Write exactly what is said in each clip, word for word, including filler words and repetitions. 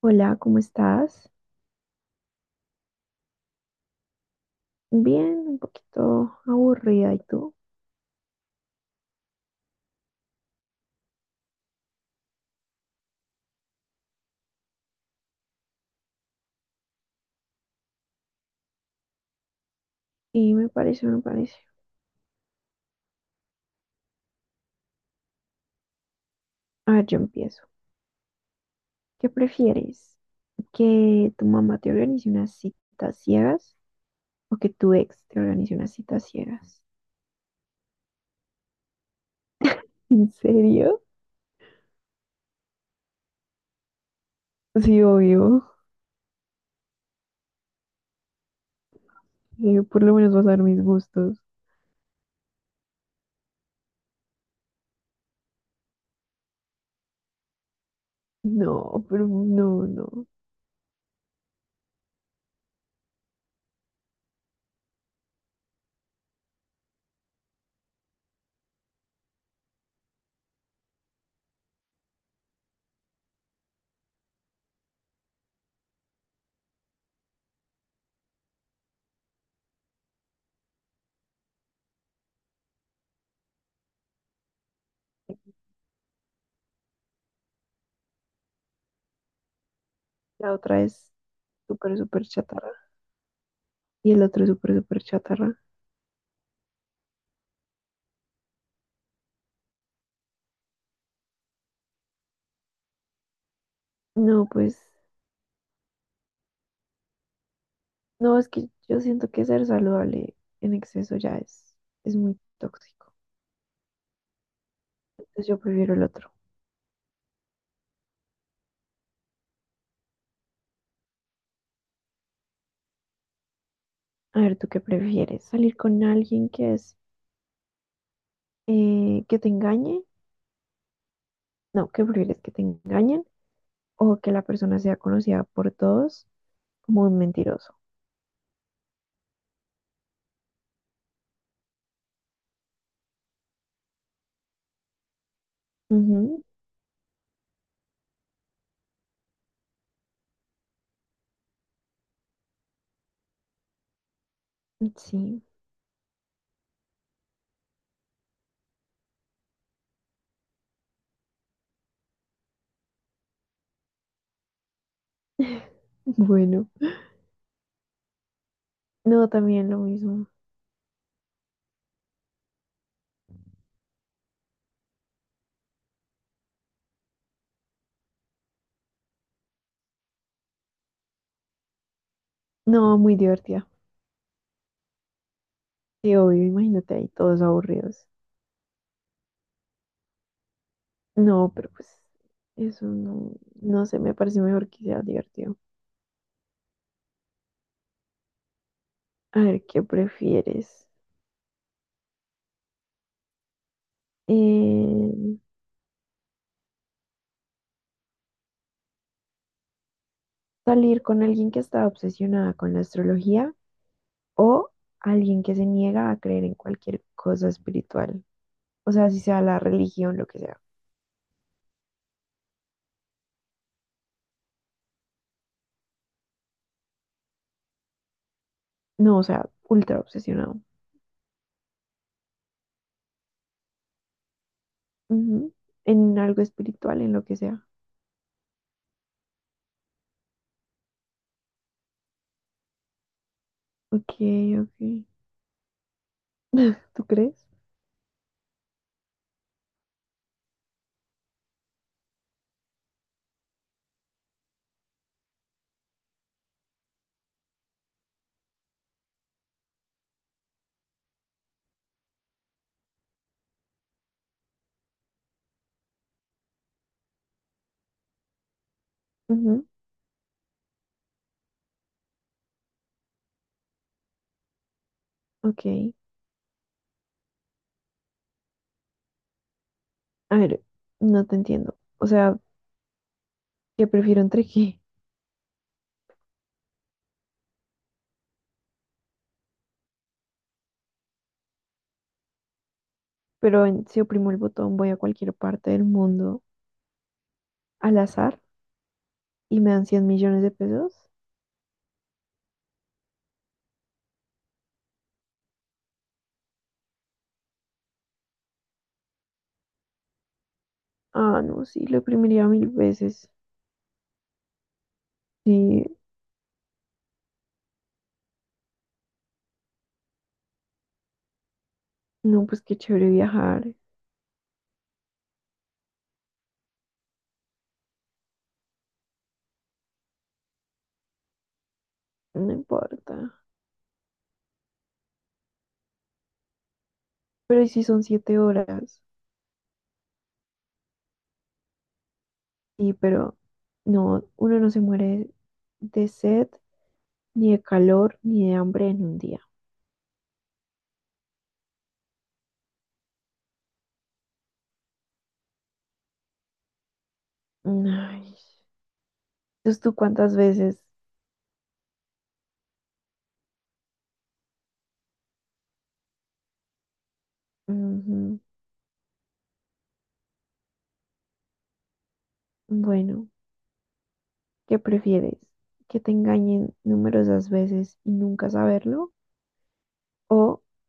Hola, ¿cómo estás? Bien, un poquito aburrida. ¿Y tú? Y me parece, me parece. A ver, yo empiezo. ¿Qué prefieres? ¿Que tu mamá te organice unas citas ciegas o que tu ex te organice unas citas ciegas? ¿En serio? Sí, obvio. Eh, por lo menos vas a ver mis gustos. No, pero no, no. La otra es súper, súper chatarra. Y el otro es súper, súper chatarra. No, pues no, es que yo siento que ser saludable en exceso ya es, es muy tóxico. Entonces yo prefiero el otro. A ver, ¿tú qué prefieres? ¿Salir con alguien que es eh, que te engañe? No, ¿qué prefieres? ¿Que te engañen? ¿O que la persona sea conocida por todos como un mentiroso? Ujú, sí, bueno. No, también lo mismo. No, muy divertida. Sí, obvio, imagínate ahí todos aburridos. No, pero pues eso no, no sé, me parece mejor que sea divertido. A ver, ¿qué prefieres? Eh, ¿salir con alguien que está obsesionada con la astrología o alguien que se niega a creer en cualquier cosa espiritual? O sea, si sea la religión, lo que sea. No, o sea, ultra obsesionado. Ujú. En algo espiritual, en lo que sea. Ok, ok. ¿Tú crees? Ujú, ok. A ver, no te entiendo. O sea, ¿qué prefiero entre qué? Pero en- si oprimo el botón, voy a cualquier parte del mundo al azar. Y me dan cien millones de pesos. Ah, no, sí, lo imprimiría mil veces. Sí, no, pues qué chévere viajar, no importa. Pero ¿y si son siete horas? Sí, pero no, uno no se muere de sed, ni de calor, ni de hambre en un día. Ay, entonces tú cuántas veces... Ujú. Bueno, ¿qué prefieres? ¿Que te engañen numerosas veces y nunca saberlo? ¿O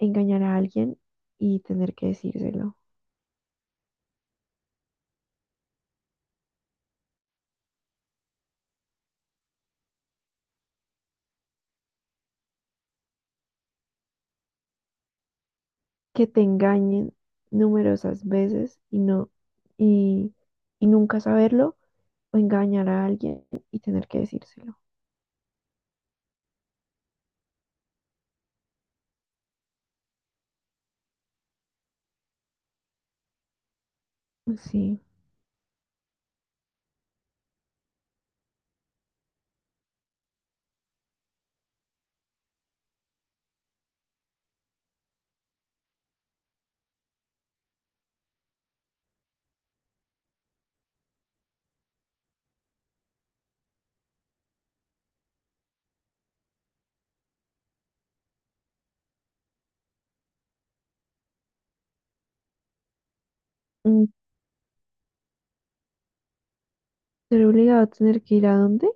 engañar a alguien y tener que decírselo? Que te engañen numerosas veces y no y, y nunca saberlo o engañar a alguien y tener que decírselo. Pues sí. Mm, ¿Ser obligado a tener que ir a dónde?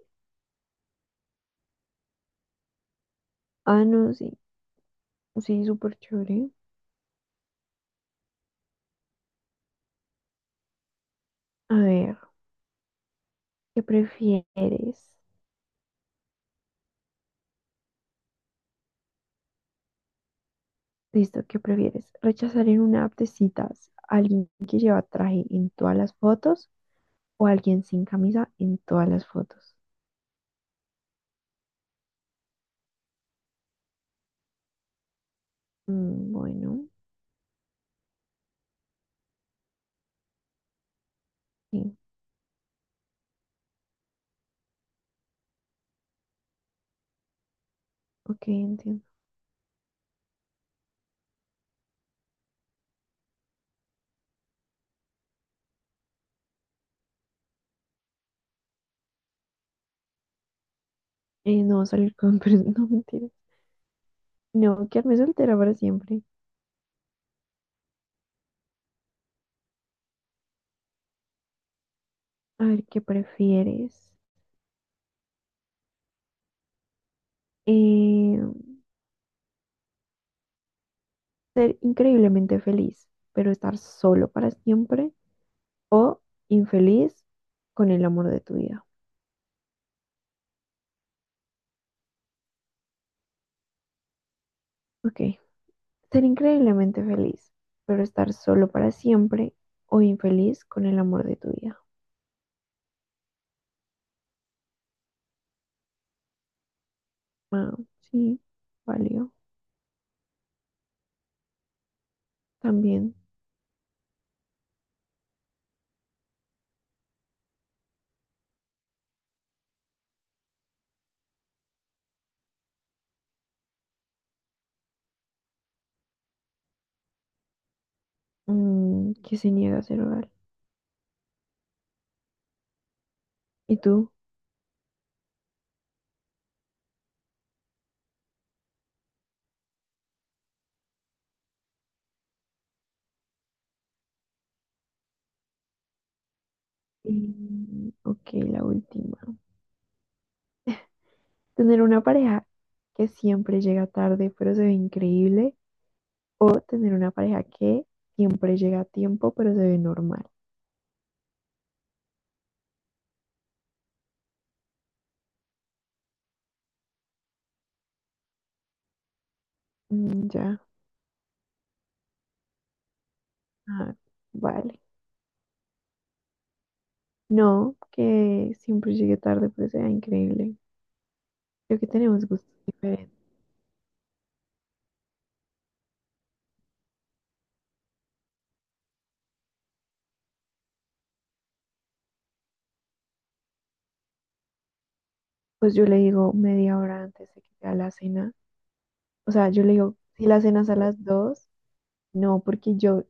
Ah, no, sí. Sí, súper chévere. A ver, ¿qué prefieres? Listo, ¿qué prefieres? ¿Rechazar en una app de citas a alguien que lleva traje en todas las fotos o a alguien sin camisa en todas las fotos? Mm, bueno, sí, ok, entiendo. Eh, no salir con personas, no mentiras. No, quedarme soltera para siempre. A ver, ¿qué prefieres? Eh, ¿ser increíblemente feliz, pero estar solo para siempre? ¿O infeliz con el amor de tu vida? Ok, ser increíblemente feliz, pero estar solo para siempre o infeliz con el amor de tu vida. Ah, sí, valió. También, mm, que se niega a ser oral. ¿Y tú? Mm, ok, la última. Tener una pareja que siempre llega tarde, pero se ve increíble. O tener una pareja que siempre llega a tiempo, pero se ve normal. Mm, ya, ah, vale. No, que siempre llegue tarde, pero se vea increíble. Creo que tenemos gustos diferentes. Pues yo le digo media hora antes de que sea la cena. O sea, yo le digo, si la cena es a las dos, no, porque yo,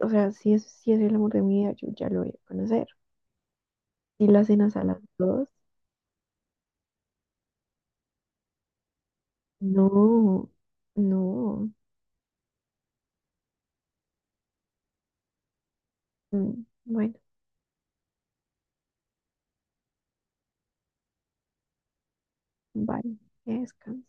o sea, si es, si es el amor de mi vida, yo ya lo voy a conocer. Si la cena es a las dos, no, no. Mm, bueno, vale, que descanse.